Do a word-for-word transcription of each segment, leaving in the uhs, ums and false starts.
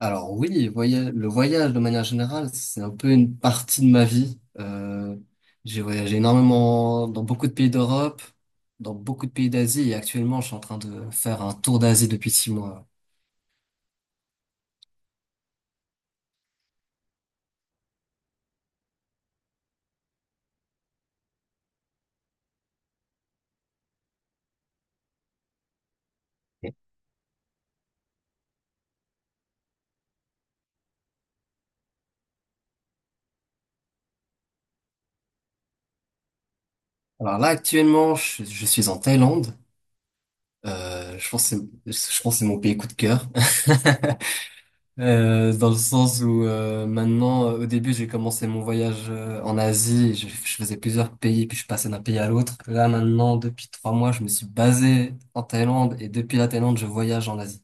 Alors oui, voya- le voyage de manière générale, c'est un peu une partie de ma vie. Euh, j'ai voyagé énormément dans beaucoup de pays d'Europe, dans beaucoup de pays d'Asie et actuellement je suis en train de faire un tour d'Asie depuis six mois. Alors là actuellement je, je suis en Thaïlande. Euh, je pense que c'est, je pense que c'est mon pays coup de cœur. Euh, dans le sens où euh, maintenant, euh, au début, j'ai commencé mon voyage euh, en Asie, et je, je faisais plusieurs pays, puis je passais d'un pays à l'autre. Là, maintenant, depuis trois mois, je me suis basé en Thaïlande, et depuis la Thaïlande, je voyage en Asie.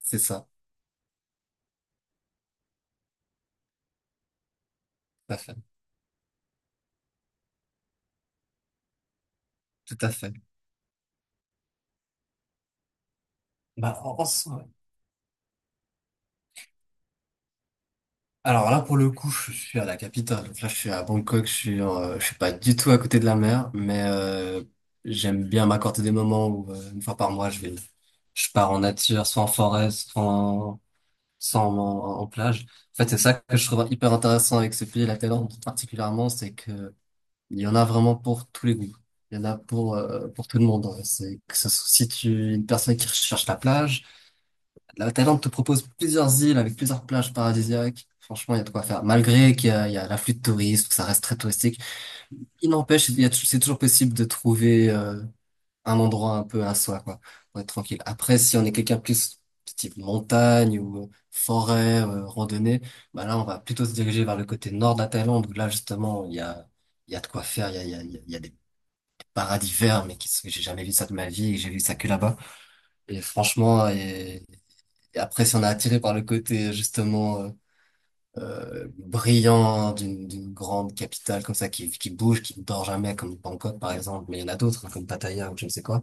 C'est ça, tout à fait, tout à fait. Bah, en- en soi, ouais. Alors là, pour le coup, je suis à la capitale. Donc là, je suis à Bangkok, je suis, en- euh, je suis pas du tout à côté de la mer, mais euh, j'aime bien m'accorder des moments où, euh, une fois par mois, je vais, je pars en nature, soit en forêt, soit en sans en, en plage. En fait, c'est ça que je trouve hyper intéressant avec ce pays, la Thaïlande particulièrement, c'est que il y en a vraiment pour tous les goûts. Il y en a pour euh, pour tout le monde, hein. C'est que ce soit si tu es une personne qui recherche la plage, la Thaïlande te propose plusieurs îles avec plusieurs plages paradisiaques. Franchement, il y a de quoi faire. Malgré qu'il y a, il y a l'afflux de touristes, que ça reste très touristique, il n'empêche, il y a tou- c'est toujours possible de trouver euh, un endroit un peu à soi, quoi, pour être tranquille. Après, si on est quelqu'un plus type montagne ou euh, forêt, euh, randonnée, bah là, on va plutôt se diriger vers le côté nord de la Thaïlande, où là, justement, il y a, il y a de quoi faire, il y a, il y a, il y a il y a des paradis verts, mais qui, sont- j'ai jamais vu ça de ma vie, et j'ai vu ça que là-bas. Et franchement, et, et après, si on est attiré par le côté, justement, euh, euh, brillant d'une d'une grande capitale comme ça qui, qui bouge, qui ne dort jamais comme Bangkok par exemple, mais il y en a d'autres hein, comme Pattaya ou je ne sais quoi.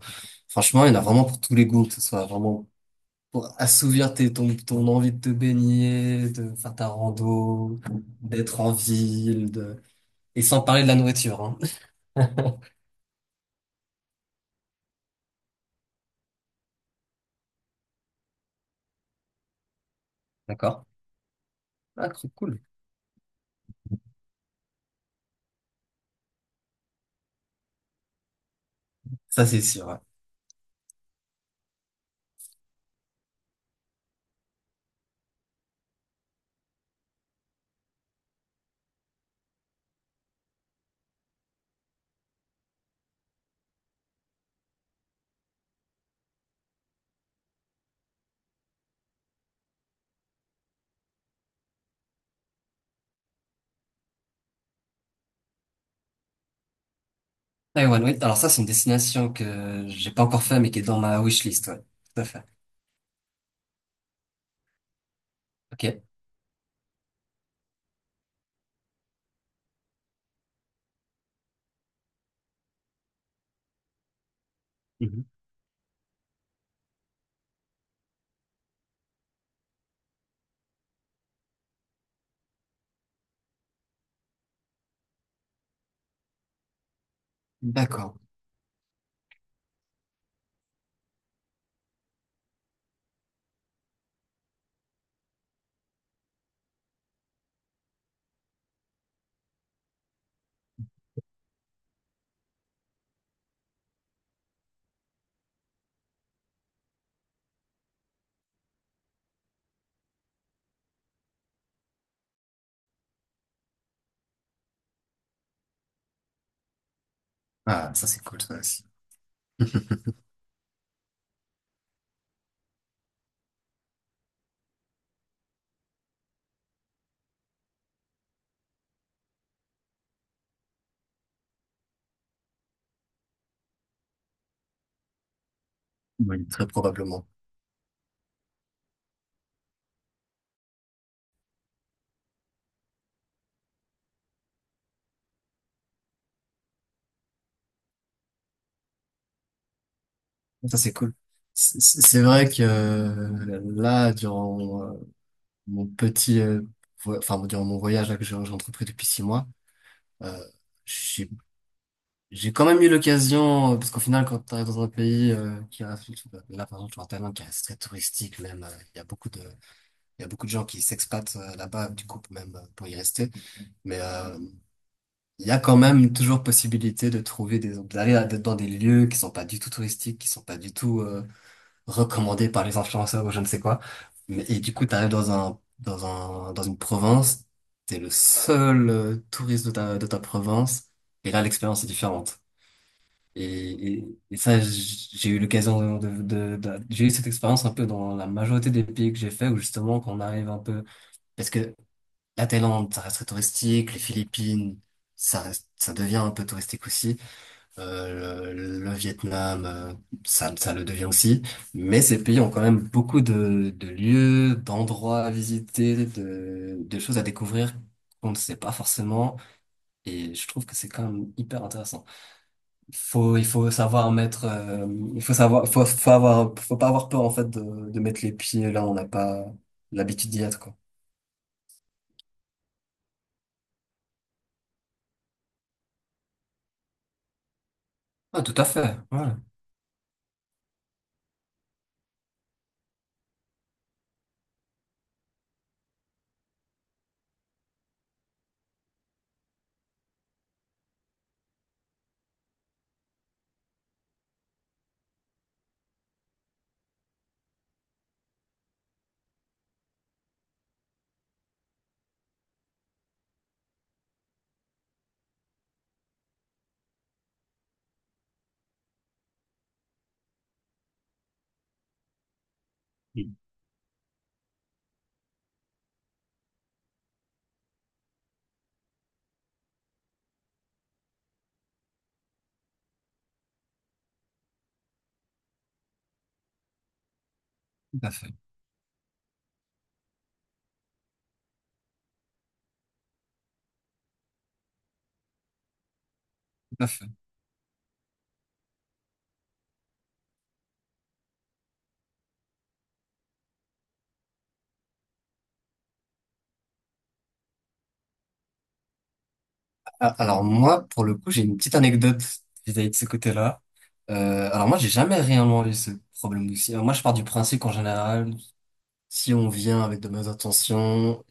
Franchement, il y en a vraiment pour tous les goûts, que ce soit vraiment pour assouvir tes, ton, ton envie de te baigner, de faire ta rando, d'être en ville, de... et sans parler de la nourriture, hein. D'accord? Ah, trop cool. Ça, c'est sûr, ouais. Taïwan, oui. Alors ça, c'est une destination que j'ai pas encore fait, mais qui est dans ma wishlist, ouais. Tout à fait. Ok. Mhm. D'accord. Ah, ça, c'est cool, ça aussi. Oui, très probablement. Ça, c'est cool. C'est c'est- c'est vrai que euh, là, durant euh, mon petit, euh, vo- enfin, durant mon voyage là, que j'ai j'ai entrepris depuis six mois, euh, j'ai j'ai quand même eu l'occasion, euh, parce qu'au final, quand tu arrives dans un pays euh, qui reste, là, par exemple, je suis en Thaïlande, qui reste très touristique, même, euh, il y a beaucoup de, il y a beaucoup de gens qui s'expatent euh, là-bas, du coup, même euh, pour y rester. Mais euh, il y a quand même toujours possibilité de trouver des, d'aller à- dans des lieux qui sont pas du tout touristiques, qui sont pas du tout euh, recommandé par les influenceurs ou je ne sais quoi. Mais- Et du coup, t'arrives dans un, dans un, dans une province, t'es le seul euh, touriste de ta, de ta province, et là, l'expérience est différente. Et, et, et ça, j- j'ai eu l'occasion de, de, de- j'ai eu cette expérience un peu dans la majorité des pays que j'ai fait, où justement, qu'on arrive un peu, parce que la Thaïlande, ça reste très touristique, les Philippines, ça reste, ça devient un peu touristique aussi. Euh, le, le Vietnam, euh, ça, ça le devient aussi. Mais ces pays ont quand même beaucoup de, de lieux, d'endroits à visiter, de, de choses à découvrir qu'on ne sait pas forcément. Et je trouve que c'est quand même hyper intéressant. Faut, il faut savoir mettre, euh, il faut savoir, faut, faut avoir, faut pas avoir peur en fait de, de mettre les pieds là où on n'a pas l'habitude d'y être, quoi. Ah, tout à fait. Ouais, Mm, tout à fait, tout à fait. Ah, alors moi, pour le coup, j'ai une petite anecdote vis-à-vis de ce côté-là. Euh, alors moi, j'ai jamais réellement eu ce problème aussi. Moi, je pars du principe qu'en général, si on vient avec de bonnes intentions,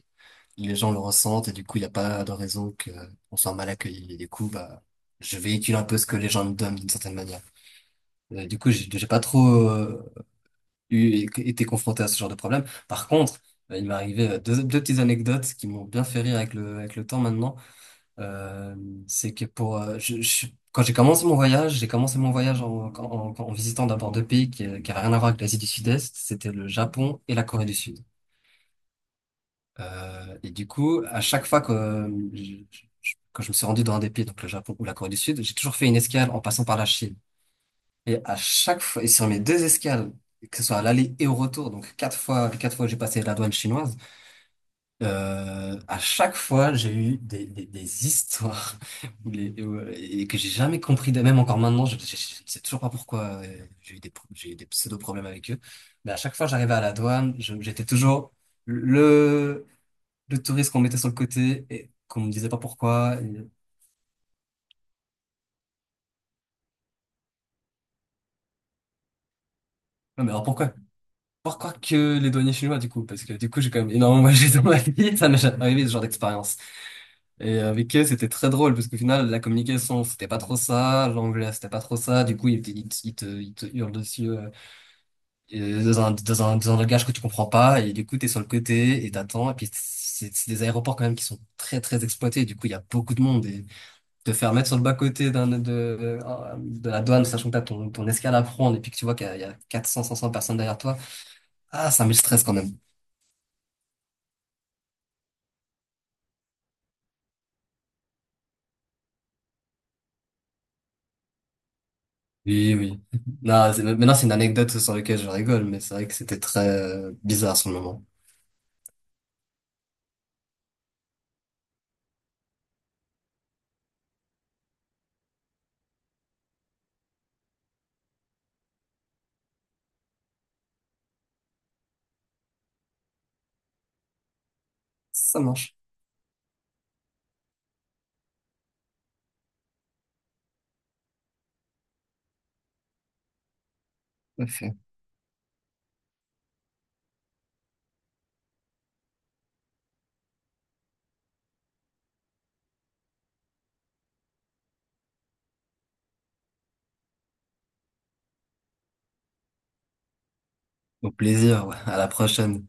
les gens le ressentent et du coup, il n'y a pas de raison que on soit mal accueilli. Et du coup, bah, je véhicule un peu ce que les gens me donnent d'une certaine manière. Euh, du coup, j'ai j'ai pas trop euh, eu été confronté à ce genre de problème. Par contre, euh, il m'est arrivé euh, deux, deux petites anecdotes qui m'ont bien fait rire avec le avec le temps maintenant. Euh, c'est que pour euh, je, je- quand j'ai commencé mon voyage, j'ai commencé mon voyage en, en, en- en visitant d'abord deux pays qui, qui avaient rien à voir avec l'Asie du Sud-Est, c'était le Japon et la Corée du Sud. Euh, et du coup, à chaque fois que euh, je- je- quand je me suis rendu dans un des pays, donc le Japon ou la Corée du Sud, j'ai toujours fait une escale en passant par la Chine. Et à chaque fois, et sur mes deux escales, que ce soit à l'aller et au retour, donc quatre fois, les quatre fois que j'ai passé la douane chinoise. Euh, à chaque fois, j'ai eu des, des, des histoires où les, où- et que j'ai jamais compris, même encore maintenant, je, je- je ne sais toujours pas pourquoi euh, j'ai eu des, pro- j'ai eu des pseudo-problèmes avec eux. Mais à chaque fois, j'arrivais à la douane, je- j'étais toujours le, le touriste qu'on mettait sur le côté et qu'on me disait pas pourquoi. Et- Non, mais alors pourquoi? Pourquoi que les douaniers chinois, du coup? Parce que du coup, j'ai quand même énormément voyagé dans ma vie, ça m'est jamais arrivé ce genre d'expérience. Et avec eux, c'était très drôle parce qu'au final, la communication, c'était pas trop ça, l'anglais, c'était pas trop ça. Du coup, ils te, ils te, ils te, ils te hurlent dessus euh, euh, dans un, dans un, dans un langage que tu comprends pas. Et du coup, t'es sur le côté et t'attends. Et puis, c'est c'est des aéroports quand même qui sont très, très exploités. Du coup, il y a beaucoup de monde. Et te faire mettre sur le bas-côté d'un, de, de, de la douane, sachant que t'as ton, ton escale à prendre et puis que tu vois qu'il y a, il y a quatre cents, cinq cents personnes derrière toi, ah, ça met le stress quand même. Oui, oui. Non, c'est- Maintenant, c'est une anecdote sur laquelle je rigole, mais c'est vrai que c'était très euh, bizarre sur le moment. Ça marche. Parfait. Au plaisir, ouais. À la prochaine.